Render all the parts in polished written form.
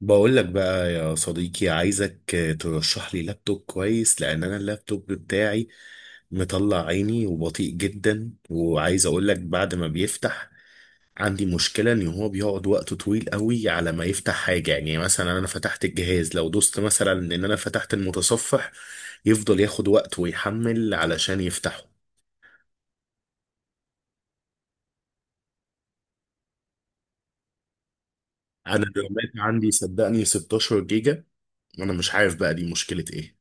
بقول لك بقى يا صديقي عايزك ترشح لي لابتوب كويس لان انا اللابتوب بتاعي مطلع عيني وبطيء جدا، وعايز اقول لك بعد ما بيفتح عندي مشكلة ان هو بيقعد وقت طويل قوي على ما يفتح حاجة، يعني مثلا انا فتحت الجهاز، لو دوست مثلا ان انا فتحت المتصفح يفضل ياخد وقت ويحمل علشان يفتحه. انا الرامات عندي صدقني 16 جيجا، وانا مش عارف بقى دي مشكلة ايه.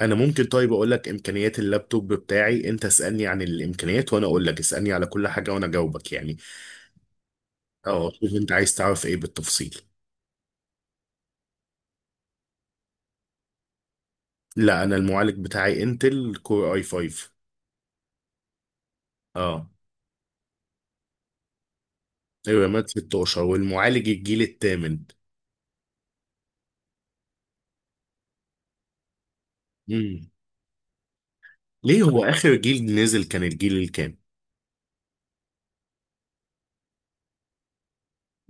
انا ممكن طيب اقول لك امكانيات اللابتوب بتاعي، انت اسالني عن الامكانيات وانا اقول لك، اسالني على كل حاجه وانا اجاوبك يعني. اه شوف، انت عايز تعرف ايه بالتفصيل؟ لا انا المعالج بتاعي انتل كور اي 5. اه الرامات 16 والمعالج الجيل الثامن. امم ليه، هو اخر جيل نزل كان الجيل الكام؟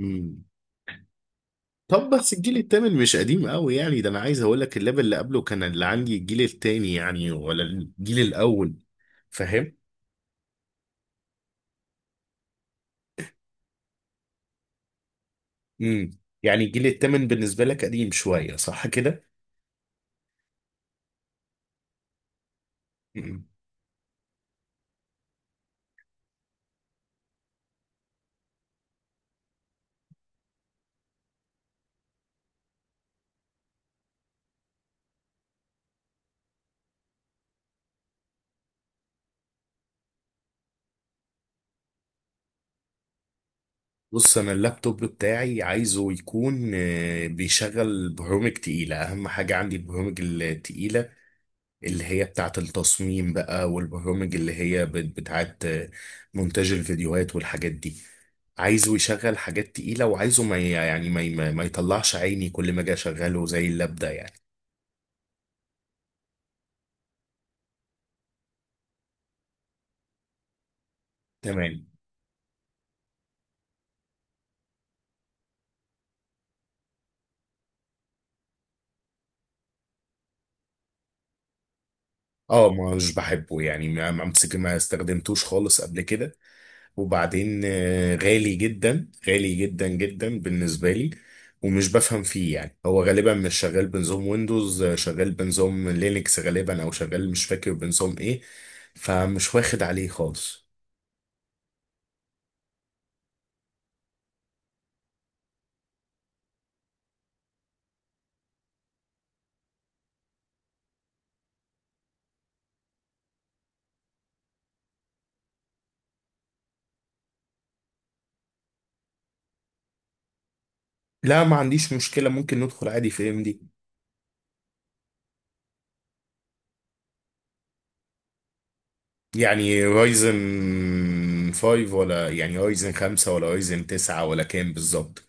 امم طب بس الجيل الثامن مش قديم قوي يعني، ده انا عايز اقول لك اللاب اللي قبله كان اللي عندي الجيل الثاني يعني، ولا الجيل الاول، فاهم؟ امم يعني الجيل التامن بالنسبة لك قديم شوية صح كده؟ مم. بص أنا اللابتوب بتاعي عايزه يكون بيشغل برامج تقيلة، أهم حاجة عندي البرامج التقيلة اللي هي بتاعة التصميم بقى، والبرامج اللي هي بتاعة مونتاج الفيديوهات والحاجات دي. عايزه يشغل حاجات تقيلة، وعايزه ما ي- يعني ما ي- ما ما يطلعش عيني كل ما أجي أشغله زي اللاب ده يعني. تمام. اه مش بحبه يعني، ما استخدمتوش خالص قبل كده، وبعدين غالي جدا، غالي جدا جدا بالنسبة لي، ومش بفهم فيه يعني، هو غالبا مش شغال بنظام ويندوز، شغال بنظام لينكس غالبا، او شغال مش فاكر بنظام ايه، فمش واخد عليه خالص. لا ما عنديش مشكلة، ممكن ندخل عادي في ام دي. يعني رايزن 5 ولا رايزن 9 ولا كام بالظبط؟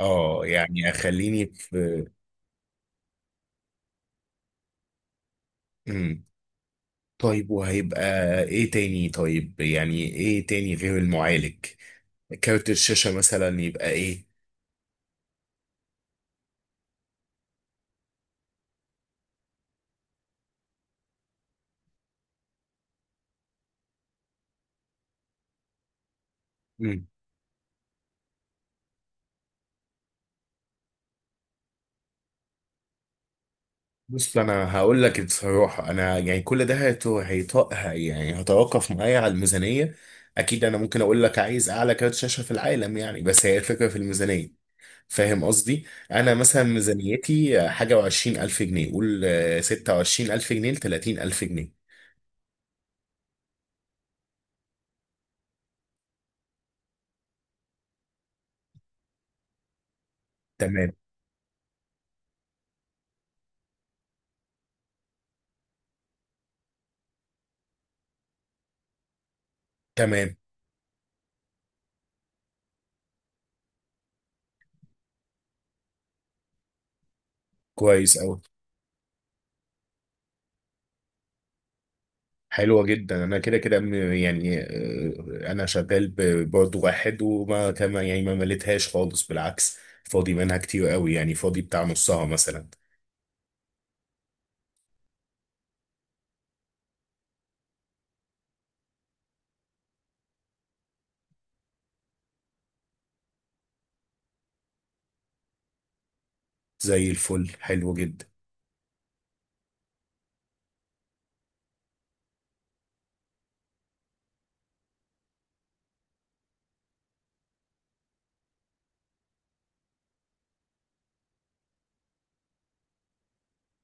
اه يعني اخليني في، طيب وهيبقى ايه تاني؟ طيب يعني ايه تاني غير المعالج؟ كارت الشاشة مثلا يبقى ايه؟ مم. بص انا هقول لك بصراحة، انا يعني كل ده هيت- هيط- هي يعني هتوقف معايا على الميزانية. اكيد انا ممكن اقول لك عايز اعلى كارت شاشة في العالم يعني، بس هي الفكرة في الميزانية، فاهم قصدي؟ انا مثلا ميزانيتي حاجة وعشرين الف جنيه، قول ستة وعشرين الف جنيه لتلاتين الف جنيه. تمام. تمام. كويس اوي. حلوة جدا، أنا كده كده يعني أنا شغال برضه واحد وما كما يعني ما مليتهاش خالص، بالعكس فاضي منها كتير قوي، يعني فاضي بتاع نصها مثلا. زي الفل، حلو جدا.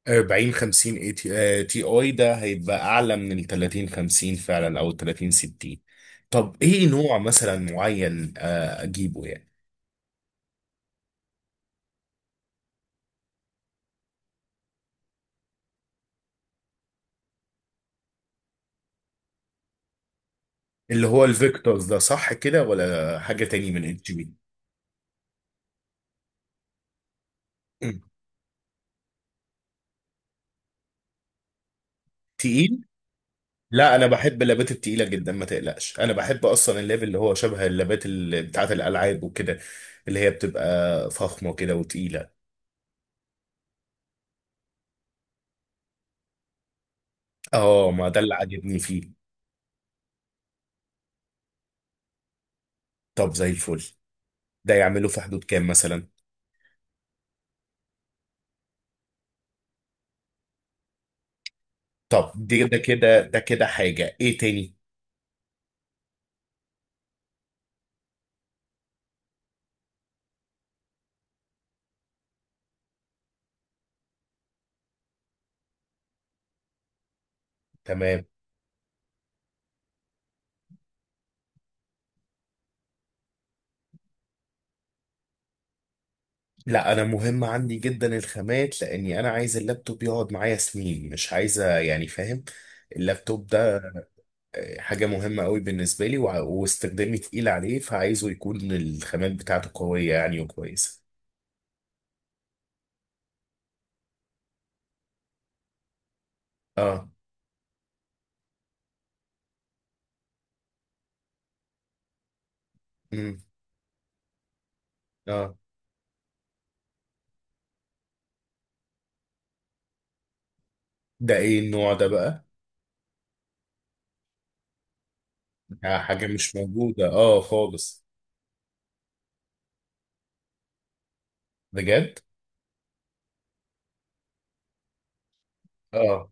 40 50 اي تي، تي اي ده هيبقى أعلى من ال 30 50 فعلا، أو ال 30 60. طب إيه نوع مثلا معين أجيبه يعني؟ اللي هو الفيكتورز ده صح كده، ولا حاجة تاني من ال جي بي؟ تقيل. لا انا بحب اللابات التقيله جدا، ما تقلقش انا بحب اصلا الليفل اللي هو شبه اللابات بتاعه الالعاب وكده، اللي هي بتبقى فخمه كده وتقيله. اه ما ده اللي عاجبني فيه. طب زي الفل، ده يعمله في حدود كام مثلا؟ طب دي ده كده ده كده حاجه ايه تاني؟ تمام. لا انا مهم عندي جدا الخامات، لاني انا عايز اللابتوب يقعد معايا سنين، مش عايزه يعني، فاهم؟ اللابتوب حاجة مهمة قوي بالنسبة لي، واستخدامي تقيل عليه، فعايزه يكون الخامات بتاعته قوية يعني وكويسة. اه. امم اه. ده ايه النوع ده بقى؟ ده حاجة مش موجودة اه خالص. بجد؟ اه.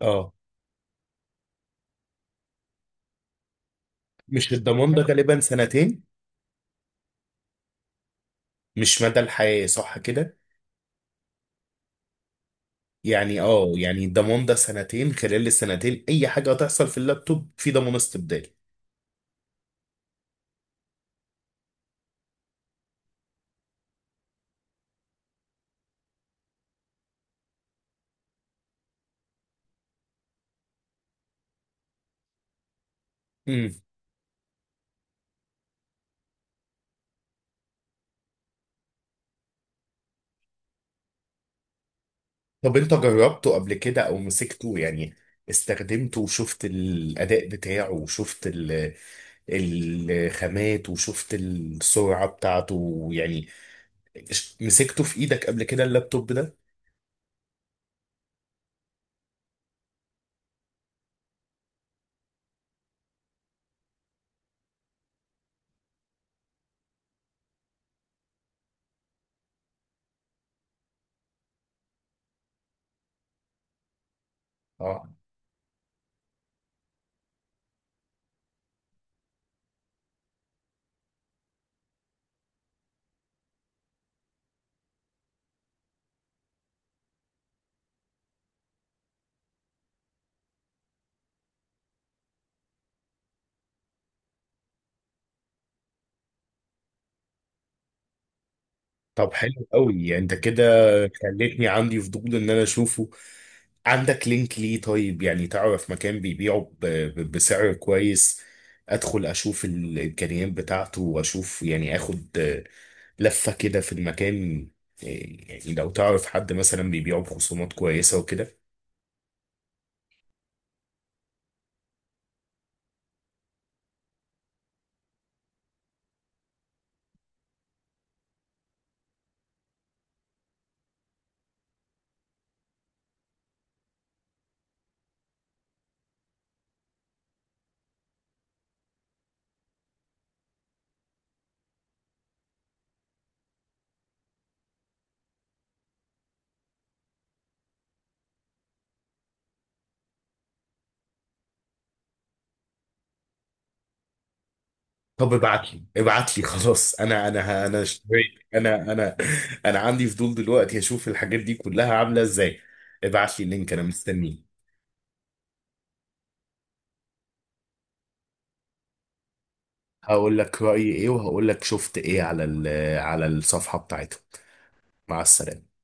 اه مش الضمان ده غالبا سنتين؟ مش مدى الحياة صح كده؟ يعني اه، يعني الضمان ده سنتين، خلال السنتين اي حاجة هتحصل في اللابتوب في ضمان استبدالي. طب انت جربته قبل كده، او مسكته يعني، استخدمته وشفت الاداء بتاعه وشفت الخامات وشفت السرعة بتاعته يعني، مسكته في ايدك قبل كده اللابتوب ده؟ اه. طب حلو قوي، يعني انت كده خلتني عندي فضول ان انا اشوفه. عندك لينك ليه طيب؟ يعني تعرف مكان بيبيعه بسعر كويس، ادخل اشوف الامكانيات بتاعته واشوف يعني، اخد لفه كده في المكان. إيه، يعني لو تعرف حد مثلا بيبيعه بخصومات كويسه وكده. طب ابعت لي خلاص، انا اشتريت، انا انا عندي فضول دلوقتي اشوف الحاجات دي كلها عامله ازاي. ابعت لي اللينك انا مستنيه. هقول لك رايي ايه، وهقول لك شفت ايه على على الصفحه بتاعتهم. مع السلامه.